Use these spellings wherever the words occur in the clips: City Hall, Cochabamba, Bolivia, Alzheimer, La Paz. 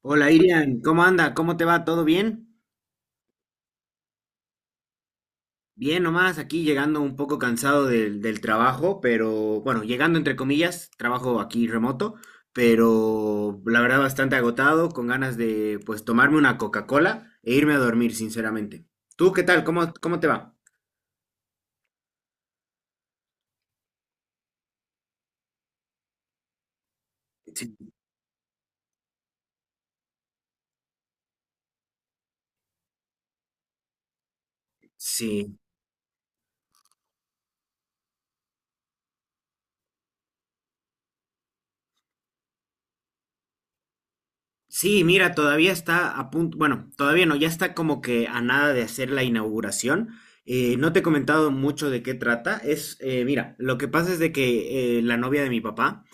Hola Irian, ¿cómo anda? ¿Cómo te va? ¿Todo bien? Bien nomás, aquí llegando un poco cansado del trabajo, pero bueno, llegando entre comillas, trabajo aquí remoto, pero la verdad bastante agotado, con ganas de pues tomarme una Coca-Cola e irme a dormir, sinceramente. ¿Tú qué tal? ¿Cómo te va? Sí, sí. Sí, mira, todavía está a punto, bueno, todavía no, ya está como que a nada de hacer la inauguración. No te he comentado mucho de qué trata. Es, mira, lo que pasa es de que la novia de mi papá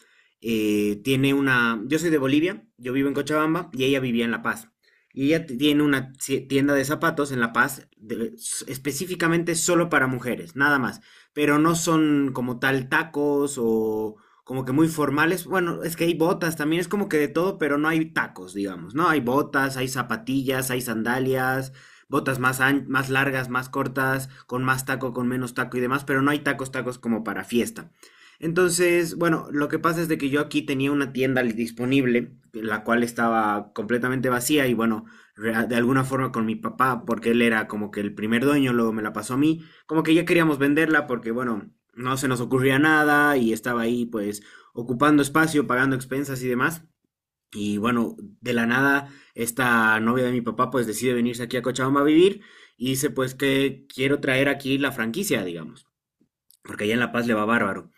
tiene una, yo soy de Bolivia, yo vivo en Cochabamba y ella vivía en La Paz. Y ella tiene una tienda de zapatos en La Paz, específicamente solo para mujeres, nada más. Pero no son como tal tacos o como que muy formales. Bueno, es que hay botas también, es como que de todo, pero no hay tacos, digamos, ¿no? Hay botas, hay zapatillas, hay sandalias, botas más, más largas, más cortas, con más taco, con menos taco y demás, pero no hay tacos, tacos como para fiesta. Entonces, bueno, lo que pasa es de que yo aquí tenía una tienda disponible, la cual estaba completamente vacía y bueno, de alguna forma con mi papá, porque él era como que el primer dueño, luego me la pasó a mí, como que ya queríamos venderla porque, bueno, no se nos ocurría nada y estaba ahí pues ocupando espacio, pagando expensas y demás. Y bueno, de la nada, esta novia de mi papá pues decide venirse aquí a Cochabamba a vivir y dice pues que quiero traer aquí la franquicia, digamos, porque allá en La Paz le va bárbaro.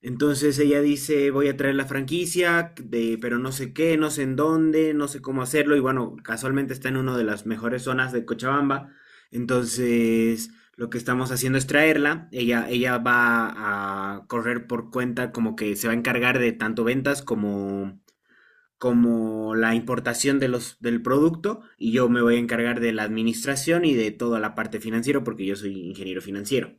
Entonces ella dice, voy a traer la franquicia, de, pero no sé qué, no sé en dónde, no sé cómo hacerlo. Y bueno, casualmente está en una de las mejores zonas de Cochabamba. Entonces, lo que estamos haciendo es traerla. Ella va a correr por cuenta, como que se va a encargar de tanto ventas como, como la importación de los, del producto. Y yo me voy a encargar de la administración y de toda la parte financiera, porque yo soy ingeniero financiero.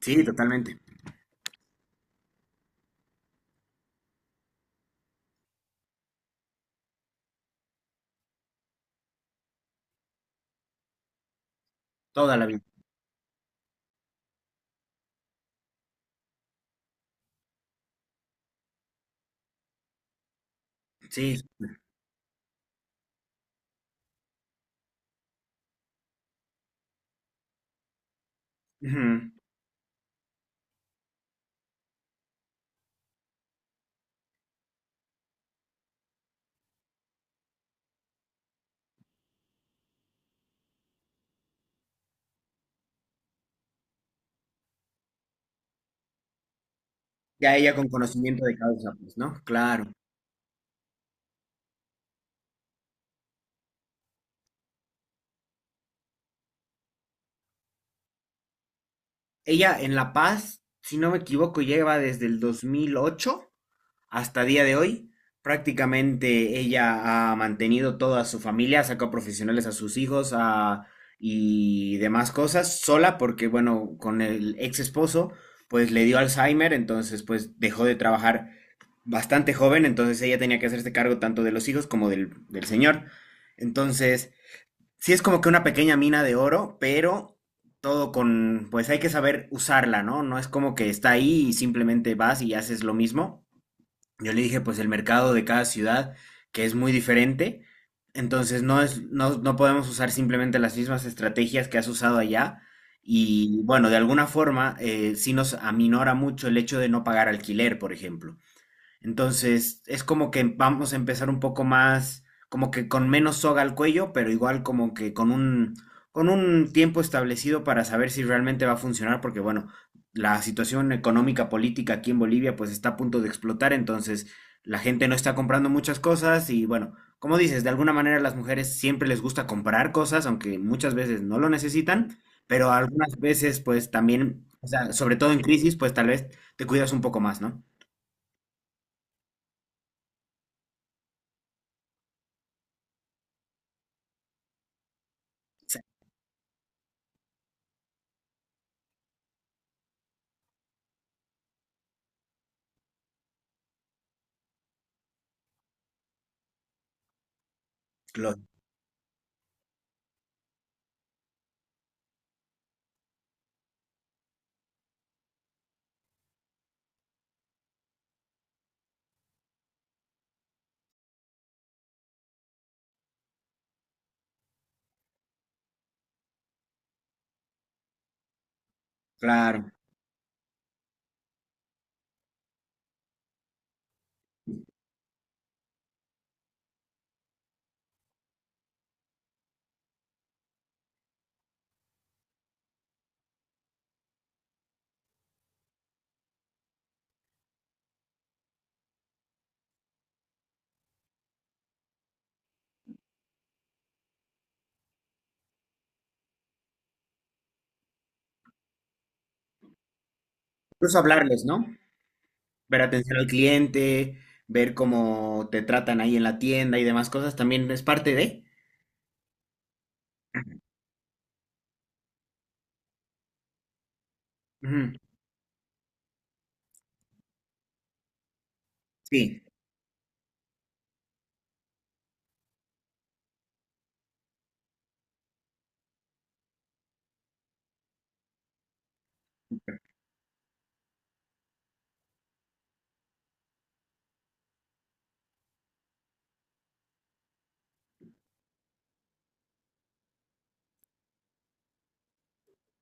Sí, totalmente. Toda la vida. Sí. Ujú. Ya ella con conocimiento de causa, pues, ¿no? Claro. Ella en La Paz, si no me equivoco, lleva desde el 2008 hasta día de hoy. Prácticamente ella ha mantenido toda su familia, sacó profesionales a sus hijos y demás cosas sola porque, bueno, con el ex esposo, pues le dio Alzheimer, entonces pues dejó de trabajar bastante joven, entonces ella tenía que hacerse cargo tanto de los hijos como del señor. Entonces... Sí, es como que una pequeña mina de oro, pero todo con, pues hay que saber usarla, ¿no? No es como que está ahí y simplemente vas y haces lo mismo. Yo le dije, pues el mercado de cada ciudad, que es muy diferente, entonces no es, no, no podemos usar simplemente las mismas estrategias que has usado allá. Y bueno, de alguna forma, sí nos aminora mucho el hecho de no pagar alquiler, por ejemplo. Entonces, es como que vamos a empezar un poco más, como que con menos soga al cuello, pero igual como que con un tiempo establecido para saber si realmente va a funcionar, porque bueno, la situación económica política aquí en Bolivia pues está a punto de explotar, entonces la gente no está comprando muchas cosas y bueno, como dices, de alguna manera las mujeres siempre les gusta comprar cosas, aunque muchas veces no lo necesitan, pero algunas veces pues también, o sea, sobre todo en crisis, pues tal vez te cuidas un poco más, ¿no? Claro. Incluso hablarles, ¿no? Ver atención al cliente, ver cómo te tratan ahí en la tienda y demás cosas también es parte de. Ujú. Sí,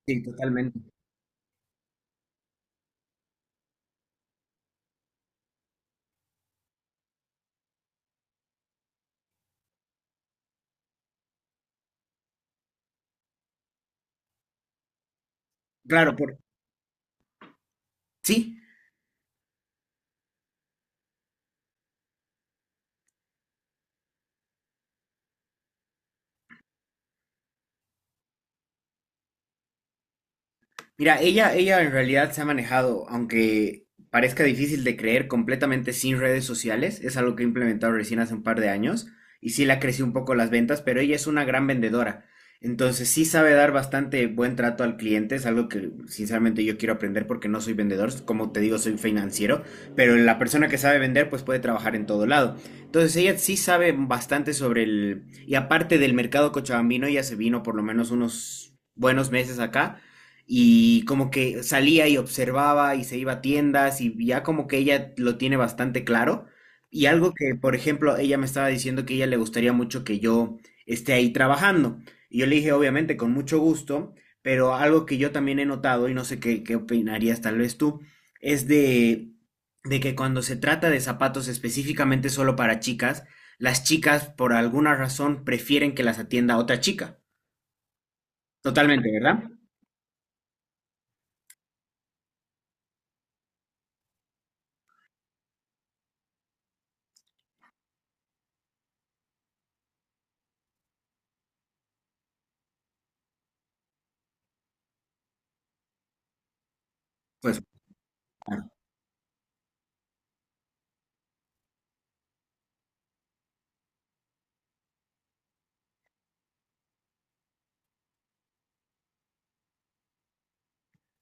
sí, totalmente. Claro, por... sí. Mira, ella en realidad se ha manejado, aunque parezca difícil de creer, completamente sin redes sociales. Es algo que ha implementado recién hace un par de años y sí le ha crecido un poco las ventas, pero ella es una gran vendedora. Entonces sí sabe dar bastante buen trato al cliente, es algo que sinceramente yo quiero aprender porque no soy vendedor, como te digo, soy financiero, pero la persona que sabe vender pues puede trabajar en todo lado. Entonces ella sí sabe bastante sobre el... Y aparte del mercado cochabambino, ella se vino por lo menos unos buenos meses acá y como que salía y observaba y se iba a tiendas y ya como que ella lo tiene bastante claro. Y algo que, por ejemplo, ella me estaba diciendo que a ella le gustaría mucho que yo esté ahí trabajando. Y yo le dije, obviamente, con mucho gusto, pero algo que yo también he notado, y no sé qué, qué opinarías tal vez tú, es de que cuando se trata de zapatos específicamente solo para chicas, las chicas por alguna razón prefieren que las atienda otra chica. Totalmente, ¿verdad? Pues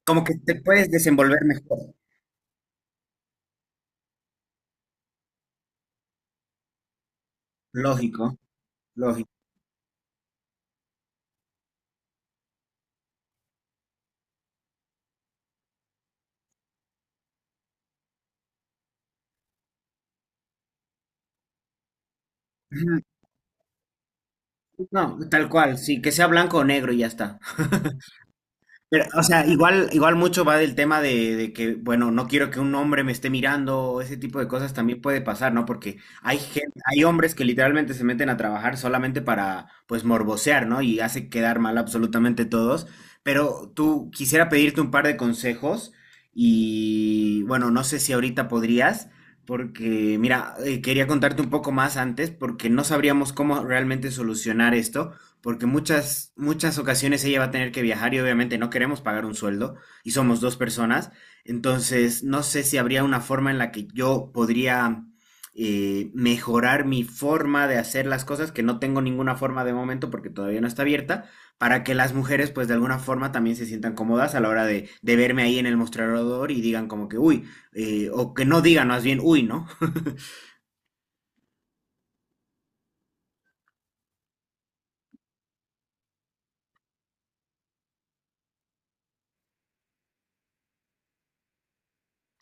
como que te puedes desenvolver mejor. Lógico, lógico. Ujú. No, tal cual, sí, que sea blanco o negro y ya está. Pero, o sea, igual, igual mucho va del tema de que, bueno, no quiero que un hombre me esté mirando, o ese tipo de cosas también puede pasar, ¿no? Porque hay gente, hay hombres que literalmente se meten a trabajar solamente para, pues, morbosear, ¿no? Y hace quedar mal absolutamente todos. Pero tú quisiera pedirte un par de consejos y, bueno, no sé si ahorita podrías, porque, mira, quería contarte un poco más antes porque no sabríamos cómo realmente solucionar esto porque muchas ocasiones ella va a tener que viajar y obviamente no queremos pagar un sueldo y somos dos personas. Entonces, no sé si habría una forma en la que yo podría mejorar mi forma de hacer las cosas, que no tengo ninguna forma de momento porque todavía no está abierta, para que las mujeres pues de alguna forma también se sientan cómodas a la hora de verme ahí en el mostrador y digan como que, uy, o que no digan más bien, uy, ¿no?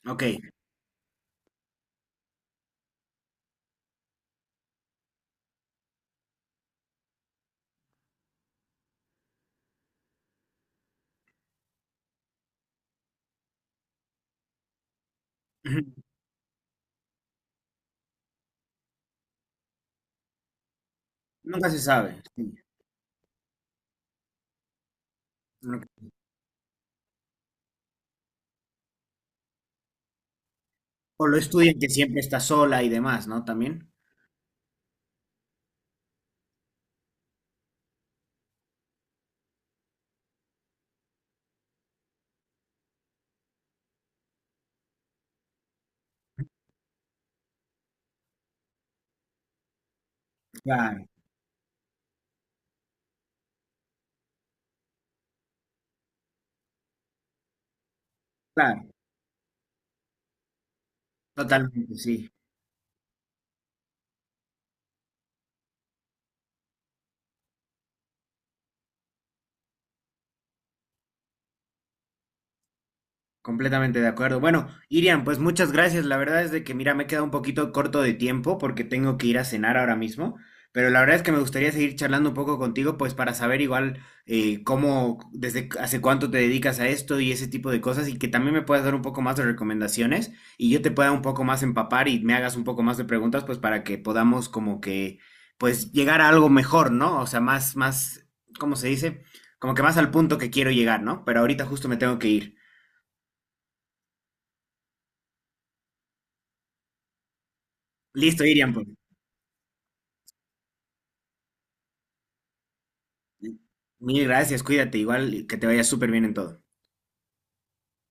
Ok. Nunca se sabe. Sí. No. O lo estudian que siempre está sola y demás, ¿no? También. Claro, claro, totalmente, sí. Completamente de acuerdo. Bueno, Irian, pues muchas gracias. La verdad es de que, mira, me he quedado un poquito corto de tiempo porque tengo que ir a cenar ahora mismo, pero la verdad es que me gustaría seguir charlando un poco contigo, pues para saber igual cómo, hace cuánto te dedicas a esto y ese tipo de cosas y que también me puedas dar un poco más de recomendaciones y yo te pueda un poco más empapar y me hagas un poco más de preguntas, pues para que podamos como que, pues llegar a algo mejor, ¿no? O sea, más, más, ¿cómo se dice? Como que más al punto que quiero llegar, ¿no? Pero ahorita justo me tengo que ir. Listo, Irian, pues. Mil gracias, cuídate, igual que te vaya súper bien en todo.